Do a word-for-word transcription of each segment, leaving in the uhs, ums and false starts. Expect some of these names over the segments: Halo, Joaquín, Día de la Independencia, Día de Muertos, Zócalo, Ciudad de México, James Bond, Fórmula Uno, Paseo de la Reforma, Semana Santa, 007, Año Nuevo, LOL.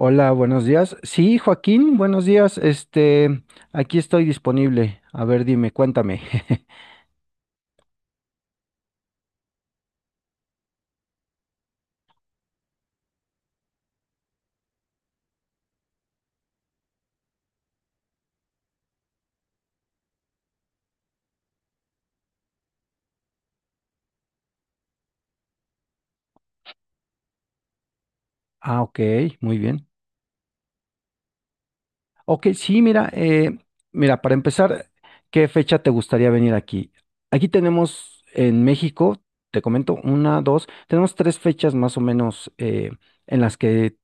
Hola, buenos días. Sí, Joaquín, buenos días. Este, aquí estoy disponible. A ver, dime, cuéntame. Ah, ok, muy bien. Ok, sí, mira, eh, mira, para empezar, ¿qué fecha te gustaría venir aquí? Aquí tenemos en México, te comento, una, dos, tenemos tres fechas más o menos eh, en las que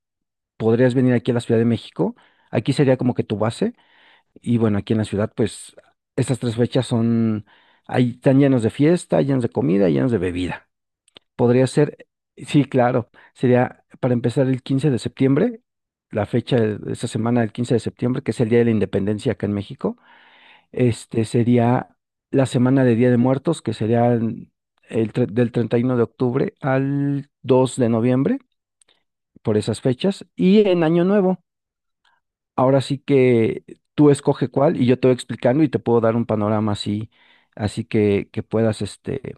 podrías venir aquí a la Ciudad de México. Aquí sería como que tu base. Y bueno, aquí en la ciudad, pues estas tres fechas son, ahí están llenos de fiesta, llenos de comida, llenos de bebida. Podría ser, sí, claro, sería para empezar el quince de septiembre, la fecha de de esta semana del quince de septiembre, que es el Día de la Independencia acá en México. Este sería la semana de Día de Muertos, que sería el tre- del treinta y uno de octubre al dos de noviembre, por esas fechas. Y en Año Nuevo. Ahora sí que tú escoge cuál y yo te voy explicando y te puedo dar un panorama así, así que, que puedas, este, eh,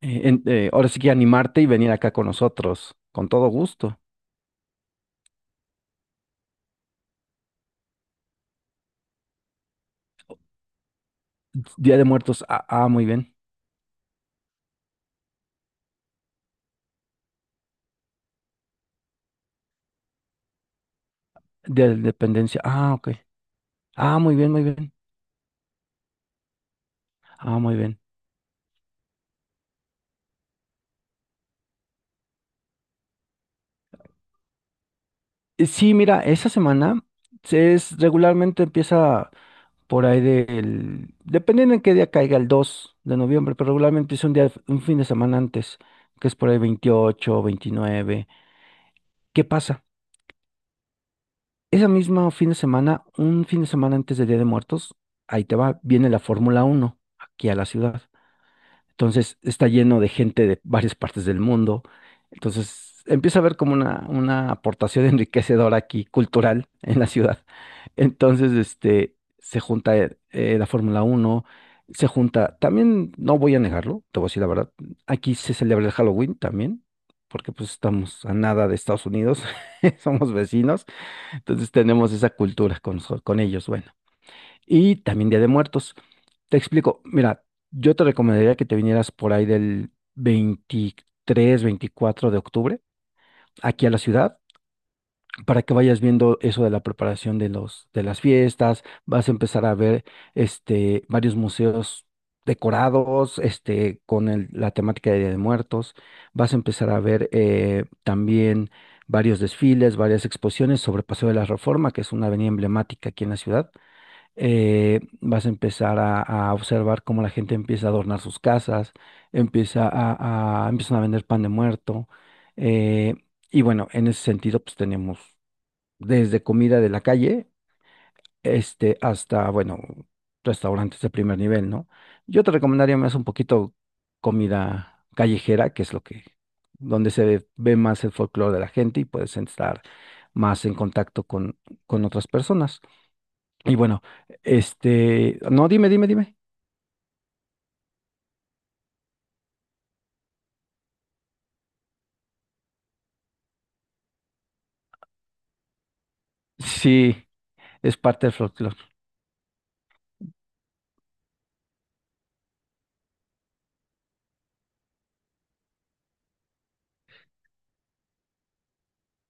en- eh, ahora sí que animarte y venir acá con nosotros, con todo gusto. Día de Muertos, ah, ah, muy bien. Día de la Independencia, ah, ok. Ah, muy bien, muy bien. Ah, muy bien. Eh, Sí, mira, esa semana se es regularmente empieza por ahí del, dependiendo en qué día caiga, el dos de noviembre, pero regularmente es un día, un fin de semana antes, que es por ahí veintiocho, veintinueve. ¿Qué pasa? Ese mismo fin de semana, un fin de semana antes del Día de Muertos, ahí te va, viene la Fórmula Uno aquí a la ciudad. Entonces está lleno de gente de varias partes del mundo. Entonces empieza a haber como una, una aportación enriquecedora aquí, cultural, en la ciudad. Entonces, este, se junta eh, eh, la Fórmula Uno, se junta, también no voy a negarlo, te voy a decir la verdad, aquí se celebra el Halloween también, porque pues estamos a nada de Estados Unidos, somos vecinos. Entonces tenemos esa cultura con, so- con ellos, bueno. Y también Día de Muertos. Te explico, mira, yo te recomendaría que te vinieras por ahí del veintitrés, veinticuatro de octubre aquí a la ciudad para que vayas viendo eso de la preparación de los, de las fiestas, vas a empezar a ver este, varios museos decorados, este, con el- la temática de Día de Muertos, vas a empezar a ver eh, también varios desfiles, varias exposiciones sobre Paseo de la Reforma, que es una avenida emblemática aquí en la ciudad. Eh, vas a empezar a, a observar cómo la gente empieza a adornar sus casas, empieza a, a- empiezan a vender pan de muerto. eh, y bueno, en ese sentido, pues tenemos desde comida de la calle, este, hasta, bueno, restaurantes de primer nivel, ¿no? Yo te recomendaría más un poquito comida callejera, que es lo que, donde se ve más el folclore de la gente y puedes estar más en contacto con, con otras personas. Y bueno, este, no, dime, dime, dime. Sí, es parte del folclore.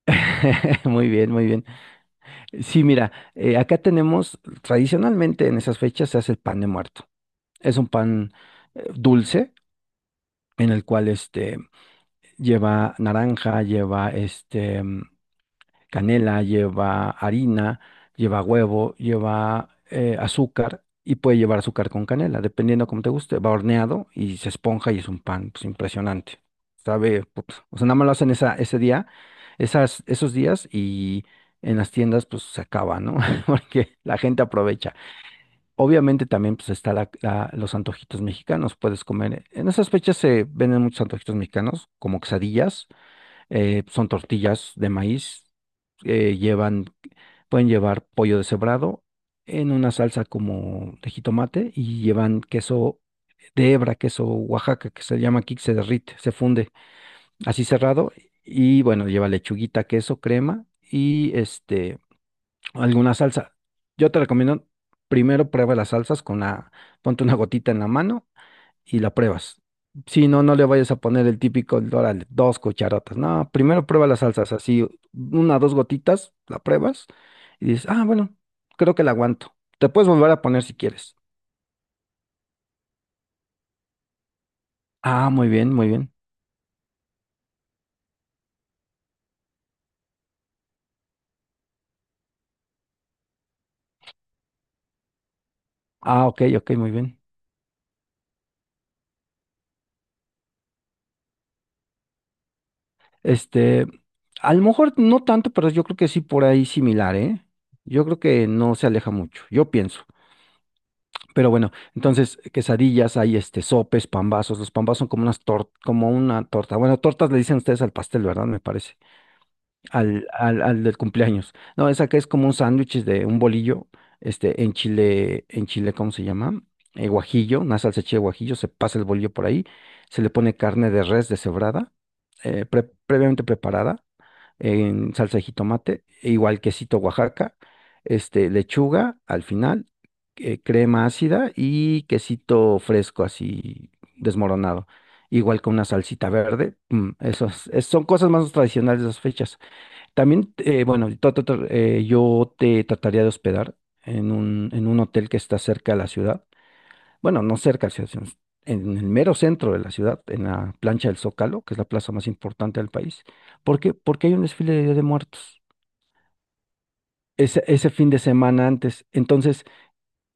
Muy bien, muy bien. Sí, mira, eh, acá tenemos, tradicionalmente en esas fechas se hace el pan de muerto. Es un pan eh, dulce en el cual este lleva naranja, lleva este mm, canela, lleva harina, lleva huevo, lleva eh, azúcar y puede llevar azúcar con canela, dependiendo como te guste. Va horneado y se esponja y es un pan pues, impresionante. Sabe, put, o sea, nada más lo hacen esa, ese día, esas, esos días y en las tiendas pues se acaba, ¿no? Porque la gente aprovecha. Obviamente también pues está la- la- los antojitos mexicanos, puedes comer. En esas fechas se venden muchos antojitos mexicanos, como quesadillas, eh, son tortillas de maíz, eh, llevan, pueden llevar pollo deshebrado en una salsa como de jitomate y llevan queso de hebra, queso Oaxaca, que se llama aquí, que se derrite, se funde así cerrado y bueno, lleva lechuguita, queso, crema y este alguna salsa. Yo te recomiendo, primero prueba las salsas con la, ponte una gotita en la mano y la pruebas. Si no, no le vayas a poner el típico, órale, dos cucharotas. No, primero prueba las salsas, así, una, dos gotitas, la pruebas y dices, ah, bueno, creo que la aguanto. Te puedes volver a poner si quieres. Ah, muy bien, muy bien. Ah, ok, ok, muy bien. Este, a lo mejor no tanto, pero yo creo que sí por ahí similar, ¿eh? Yo creo que no se aleja mucho, yo pienso. Pero bueno, entonces quesadillas, hay este sopes, pambazos. Los pambazos son como unas tor- como una torta. Bueno, tortas le dicen ustedes al pastel, ¿verdad? Me parece. Al, al, al del cumpleaños. No, esa que es como un sándwich de un bolillo, este, en chile, en chile, ¿cómo se llama? Eh, guajillo, una salsa de chile guajillo, se pasa el bolillo por ahí, se le pone carne de res deshebrada, eh, pre- previamente preparada en salsa de jitomate, e igual quesito Oaxaca, este, lechuga al final, eh, crema ácida y quesito fresco así desmoronado. Igual con una salsita verde, mm, esos, es- son cosas más tradicionales de esas fechas. También, eh, bueno, to- to- to- eh, yo te trataría de hospedar en un, en un hotel que está cerca de la ciudad, bueno, no cerca, sino en el mero centro de la ciudad, en la plancha del Zócalo, que es la plaza más importante del país. ¿Por qué? Porque hay un desfile de Día de Muertos ese, ese fin de semana antes. Entonces,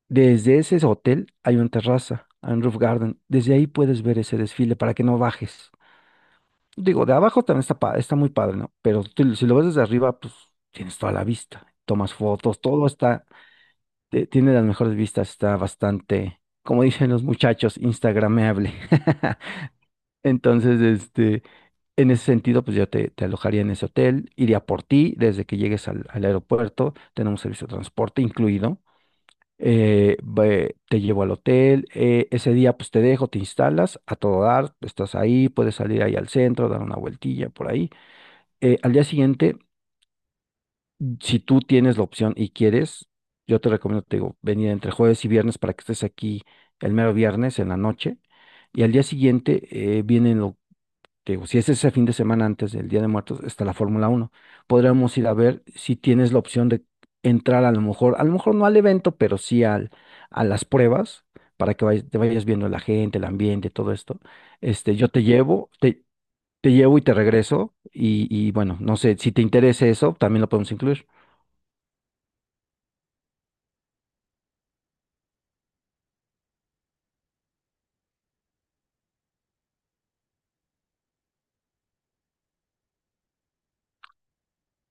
desde ese hotel hay una terraza, hay un roof garden. Desde ahí puedes ver ese desfile para que no bajes. Digo, de abajo también está, pa- está muy padre, ¿no? Pero tú- si lo ves desde arriba, pues tienes toda la vista. Tomas fotos, todo está, te- tiene las mejores vistas, está bastante, como dicen los muchachos, instagrameable. Entonces, este, en ese sentido, pues yo te, te alojaría en ese hotel, iría por ti desde que llegues al, al aeropuerto, tenemos servicio de transporte incluido, eh, ve- te llevo al hotel, eh, ese día pues te dejo, te instalas a todo dar, estás ahí, puedes salir ahí al centro, dar una vueltilla por ahí. Eh, al día siguiente, si tú tienes la opción y quieres, yo te recomiendo, te digo, venir entre jueves y viernes para que estés aquí el mero viernes en la noche. Y al día siguiente eh, vienen te digo, si es ese fin de semana antes del Día de Muertos, está la Fórmula Uno. Podríamos ir a ver si tienes la opción de entrar a lo mejor, a lo mejor no al evento, pero sí al, a las pruebas, para que vayas- te vayas viendo la gente, el ambiente, todo esto. Este, yo te llevo, te, te llevo y te regreso. Y, y bueno, no sé, si te interesa eso, también lo podemos incluir.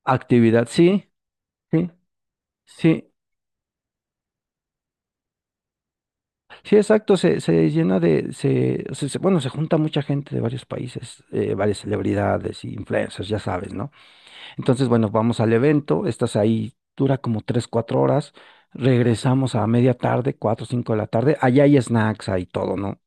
Actividad, sí, sí, sí. Sí, exacto, se, se llena de, se, se- se- bueno, se junta mucha gente de varios países, eh, varias celebridades, influencers, ya sabes, ¿no? Entonces, bueno, vamos al evento, estás ahí, dura como tres, cuatro horas, regresamos a media tarde, cuatro, cinco de la tarde, allá hay snacks, hay todo, ¿no?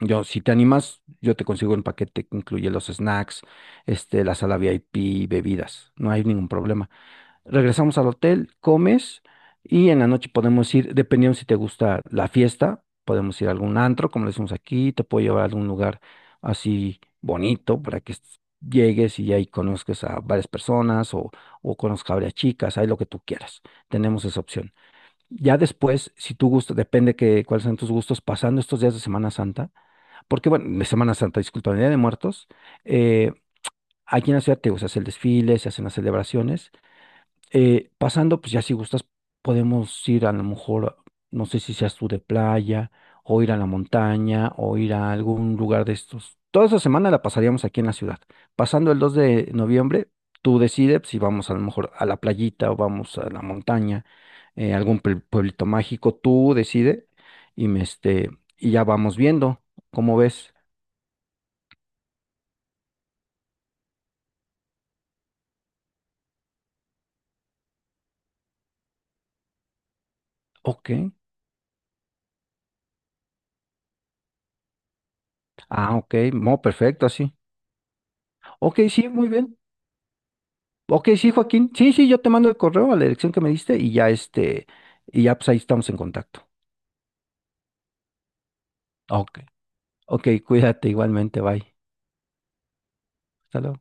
Yo, si te animas, yo te consigo el paquete que incluye los snacks, este, la sala VIP, bebidas, no hay ningún problema. Regresamos al hotel, comes y en la noche podemos ir, dependiendo si te gusta la fiesta, podemos ir a algún antro, como le decimos aquí, te puedo llevar a algún lugar así bonito para que est- llegues y ahí conozcas a varias personas o, o conozcas a varias chicas, ahí lo que tú quieras. Tenemos esa opción. Ya después, si tú gustas, depende que cuáles sean tus gustos, pasando estos días de Semana Santa, porque bueno, de Semana Santa, disculpa, de Día de Muertos, eh, aquí en la ciudad te, digo, se hace el desfile, se hacen las celebraciones eh, pasando, pues ya si gustas, podemos ir a lo mejor, no sé si seas tú de playa, o ir a la montaña, o ir a algún lugar de estos. Toda esa semana la pasaríamos aquí en la ciudad. Pasando el dos de noviembre, tú decides si vamos a lo mejor a la playita o vamos a la montaña, eh, algún pue- pueblito mágico, tú decides y, me, este, y ya vamos viendo, ¿cómo ves? Ok, ah, ok, no, perfecto, así. Ok, sí, muy bien. Ok, sí, Joaquín. Sí, sí, yo te mando el correo a la dirección que me diste y ya este, y ya pues ahí estamos en contacto. Ok. Ok, cuídate igualmente, bye. Hasta luego.